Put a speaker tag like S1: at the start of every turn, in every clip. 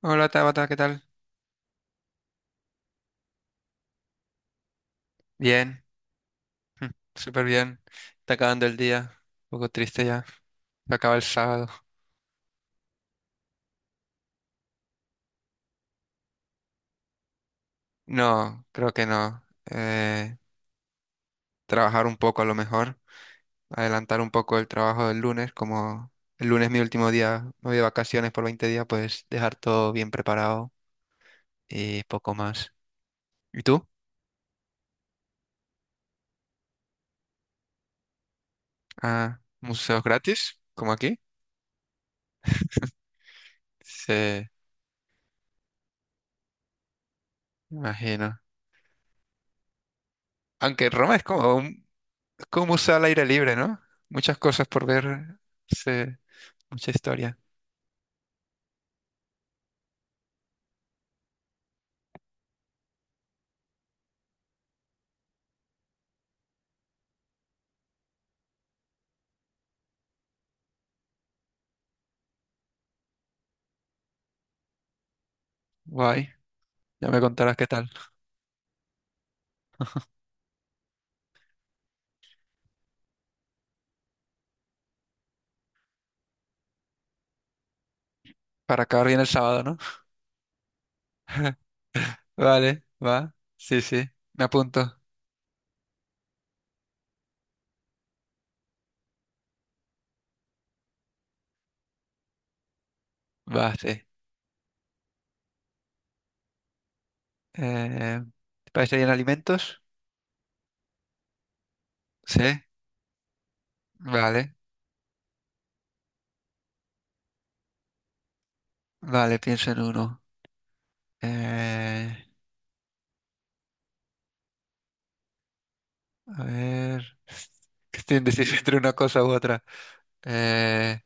S1: Hola Tabata, ¿qué tal? Bien, súper bien. Está acabando el día. Un poco triste ya. Se acaba el sábado. No, creo que no. Eh, Trabajar un poco a lo mejor. Adelantar un poco el trabajo del lunes. Como el lunes es mi último día, me voy de vacaciones por 20 días, pues dejar todo bien preparado y poco más. ¿Y tú? Ah, museos gratis, como aquí. Sí, imagino. Aunque Roma es como un museo al aire libre, ¿no? Muchas cosas por ver. Sí. Mucha historia. Guay. Ya me contarás qué tal. Para acabar bien el sábado, ¿no? Vale, va. Sí, sí. Me apunto. Va, sí. Eh, ¿Te parece bien alimentos? Sí. Vale. Vale, pienso en uno. Eh, a ver. Que estoy indeciso entre una cosa u otra. Eh,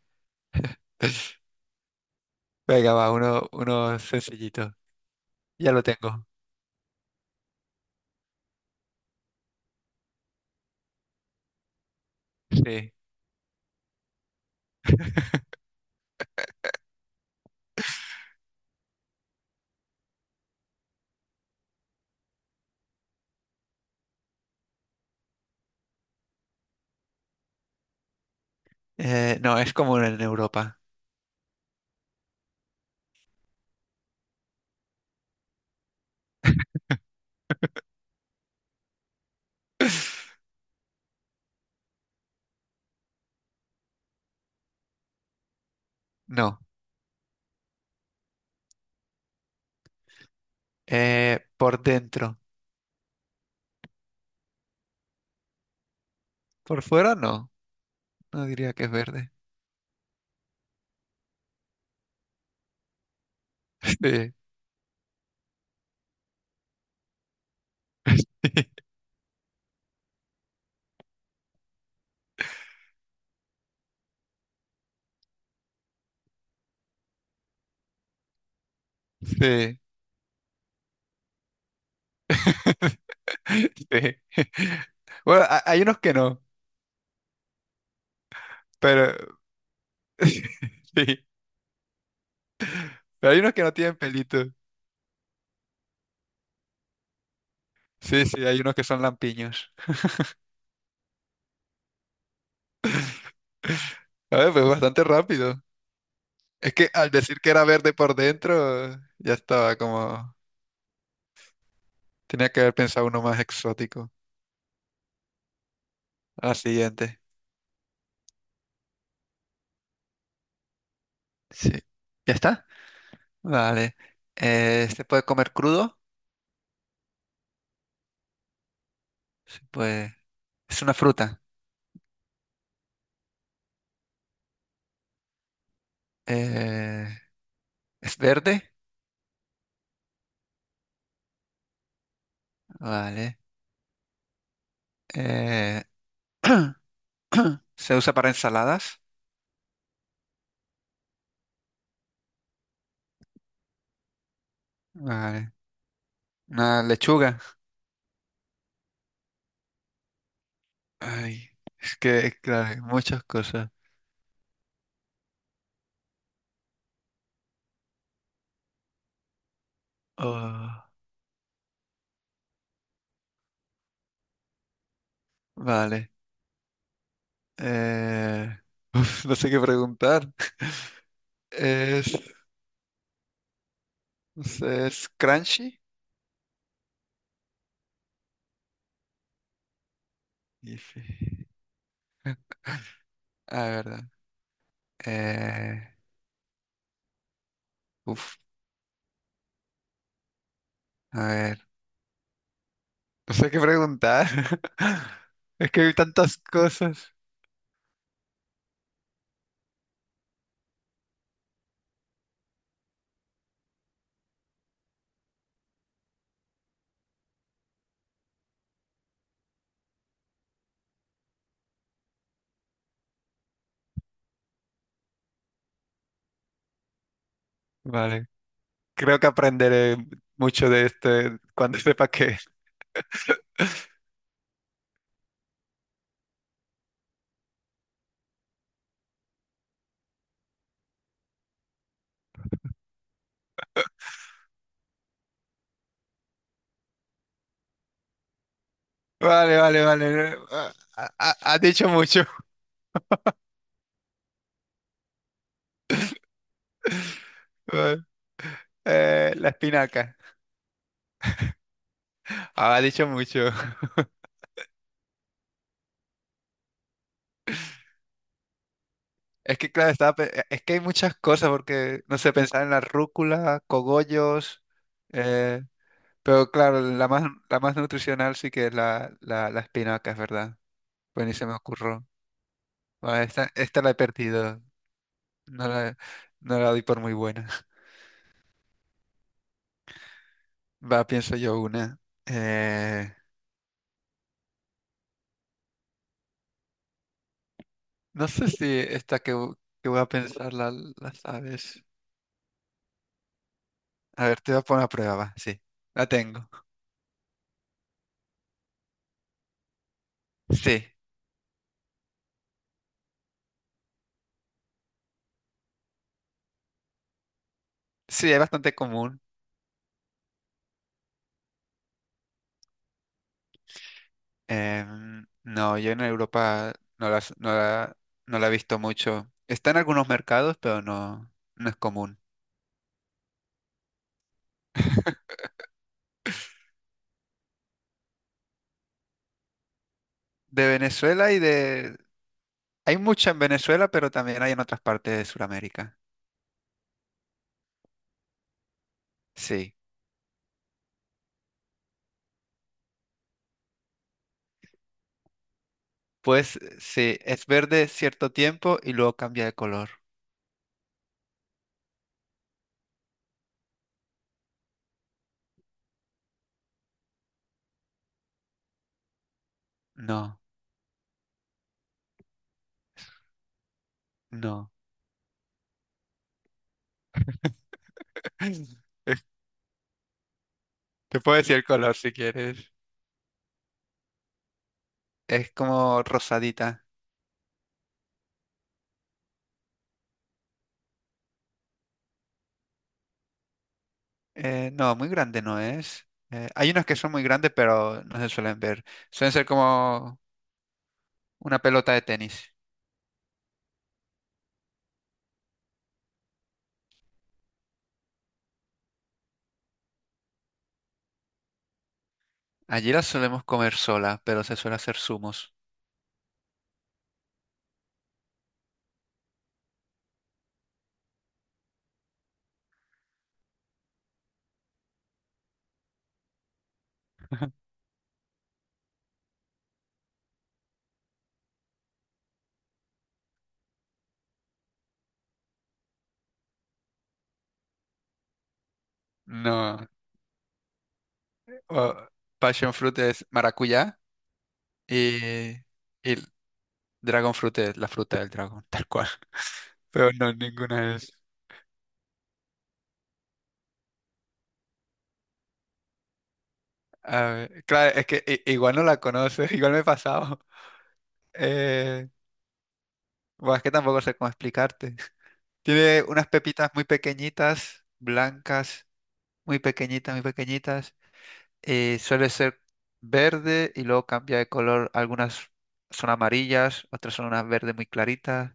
S1: Venga, va, uno sencillito. Ya lo tengo. Sí. No, es común en Europa. No, por dentro. Por fuera no, no diría que es verde. Sí, sí, sí. Bueno, hay unos que no, pero sí, pero hay unos que no tienen pelitos. Sí, sí, hay unos que son lampiños. A ver, pues bastante rápido. Es que al decir que era verde por dentro, ya estaba como... Tenía que haber pensado uno más exótico. Ah, siguiente. Sí. ¿Ya está? Vale. ¿Se puede comer crudo? Se puede. Es una fruta. Eh, ¿Es verde? Vale. Eh, ¿se usa para ensaladas? Vale. Una lechuga. Ay, es que, claro, hay muchas cosas. Oh, vale. Eh, Uf, no sé qué preguntar. Es, no sé, es crunchy. Y sí. Ah, verdad. Eh, uf, a ver. No sé qué preguntar. Es que hay tantas cosas. Vale. Creo que aprenderé mucho de este cuando sepa qué. Es. Vale, vale, vale. Ha dicho mucho. Vale. La espinaca. Ah, ha dicho mucho. Es que, claro, es que hay muchas cosas porque, no sé, pensar en la rúcula, cogollos. Eh, pero, la más nutricional sí que es la espinaca, es verdad. Pues ni se me ocurrió. Vale, esta la he perdido. No la, no la doy por muy buena. Va, pienso yo una. Eh, no sé si que voy a pensar la sabes. A ver, te voy a poner a prueba, va. Sí, la tengo. Sí, sí, es bastante común. Em, no, yo en Europa no la, no la, no la he visto mucho. Está en algunos mercados, pero no, no es común. De Venezuela y de... Hay mucha en Venezuela, pero también hay en otras partes de Sudamérica. Sí. Pues sí, es verde cierto tiempo y luego cambia de color. No, no. Te puedo decir el color si quieres. Es como rosadita. No, muy grande no es. Hay unas que son muy grandes, pero no se suelen ver. Suelen ser como una pelota de tenis. Allí las solemos comer sola, pero se suele hacer zumos. No. o- Passion fruit es maracuyá y, y Dragon Fruit es la fruta del dragón, tal cual. Pero no, ninguna es. A ver, claro, es que igual no la conoces, igual me he pasado. Eh, bueno, es que tampoco sé cómo explicarte. Tiene unas pepitas muy pequeñitas, blancas, muy pequeñitas, muy pequeñitas. Suele ser verde y luego cambia de color. Algunas son amarillas, otras son unas verdes muy claritas.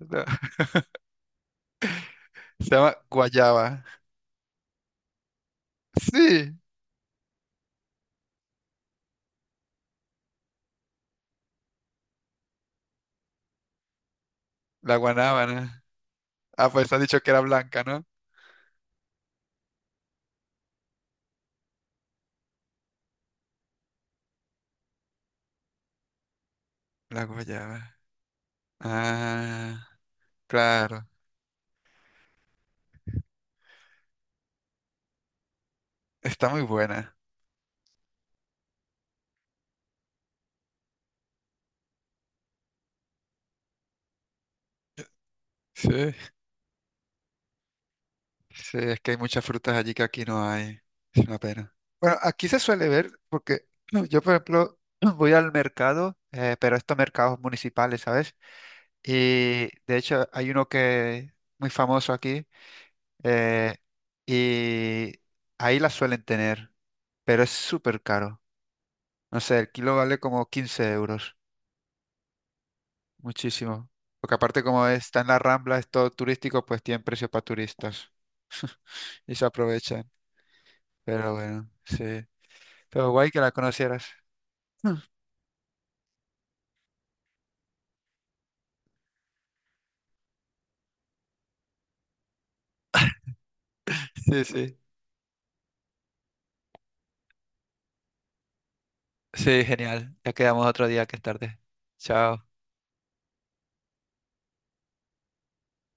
S1: Se llama guayaba. Sí, la guanábana. Ah, pues has dicho que era blanca, ¿no? La guayaba. Ah, claro. Está muy buena. Sí. Sí, es que hay muchas frutas allí que aquí no hay. Es una pena. Bueno, aquí se suele ver porque no, yo, por ejemplo, voy al mercado, pero estos mercados municipales, ¿sabes? Y de hecho hay uno que muy famoso aquí, eh, y ahí la suelen tener, pero es súper caro. No sé, el kilo vale como 15 euros. Muchísimo. Porque aparte como está en la Rambla, es todo turístico, pues tienen precios para turistas y se aprovechan. Pero bueno, sí. Pero guay que la conocieras. Sí, sí. Sí, genial. Ya quedamos otro día que es tarde. Chao.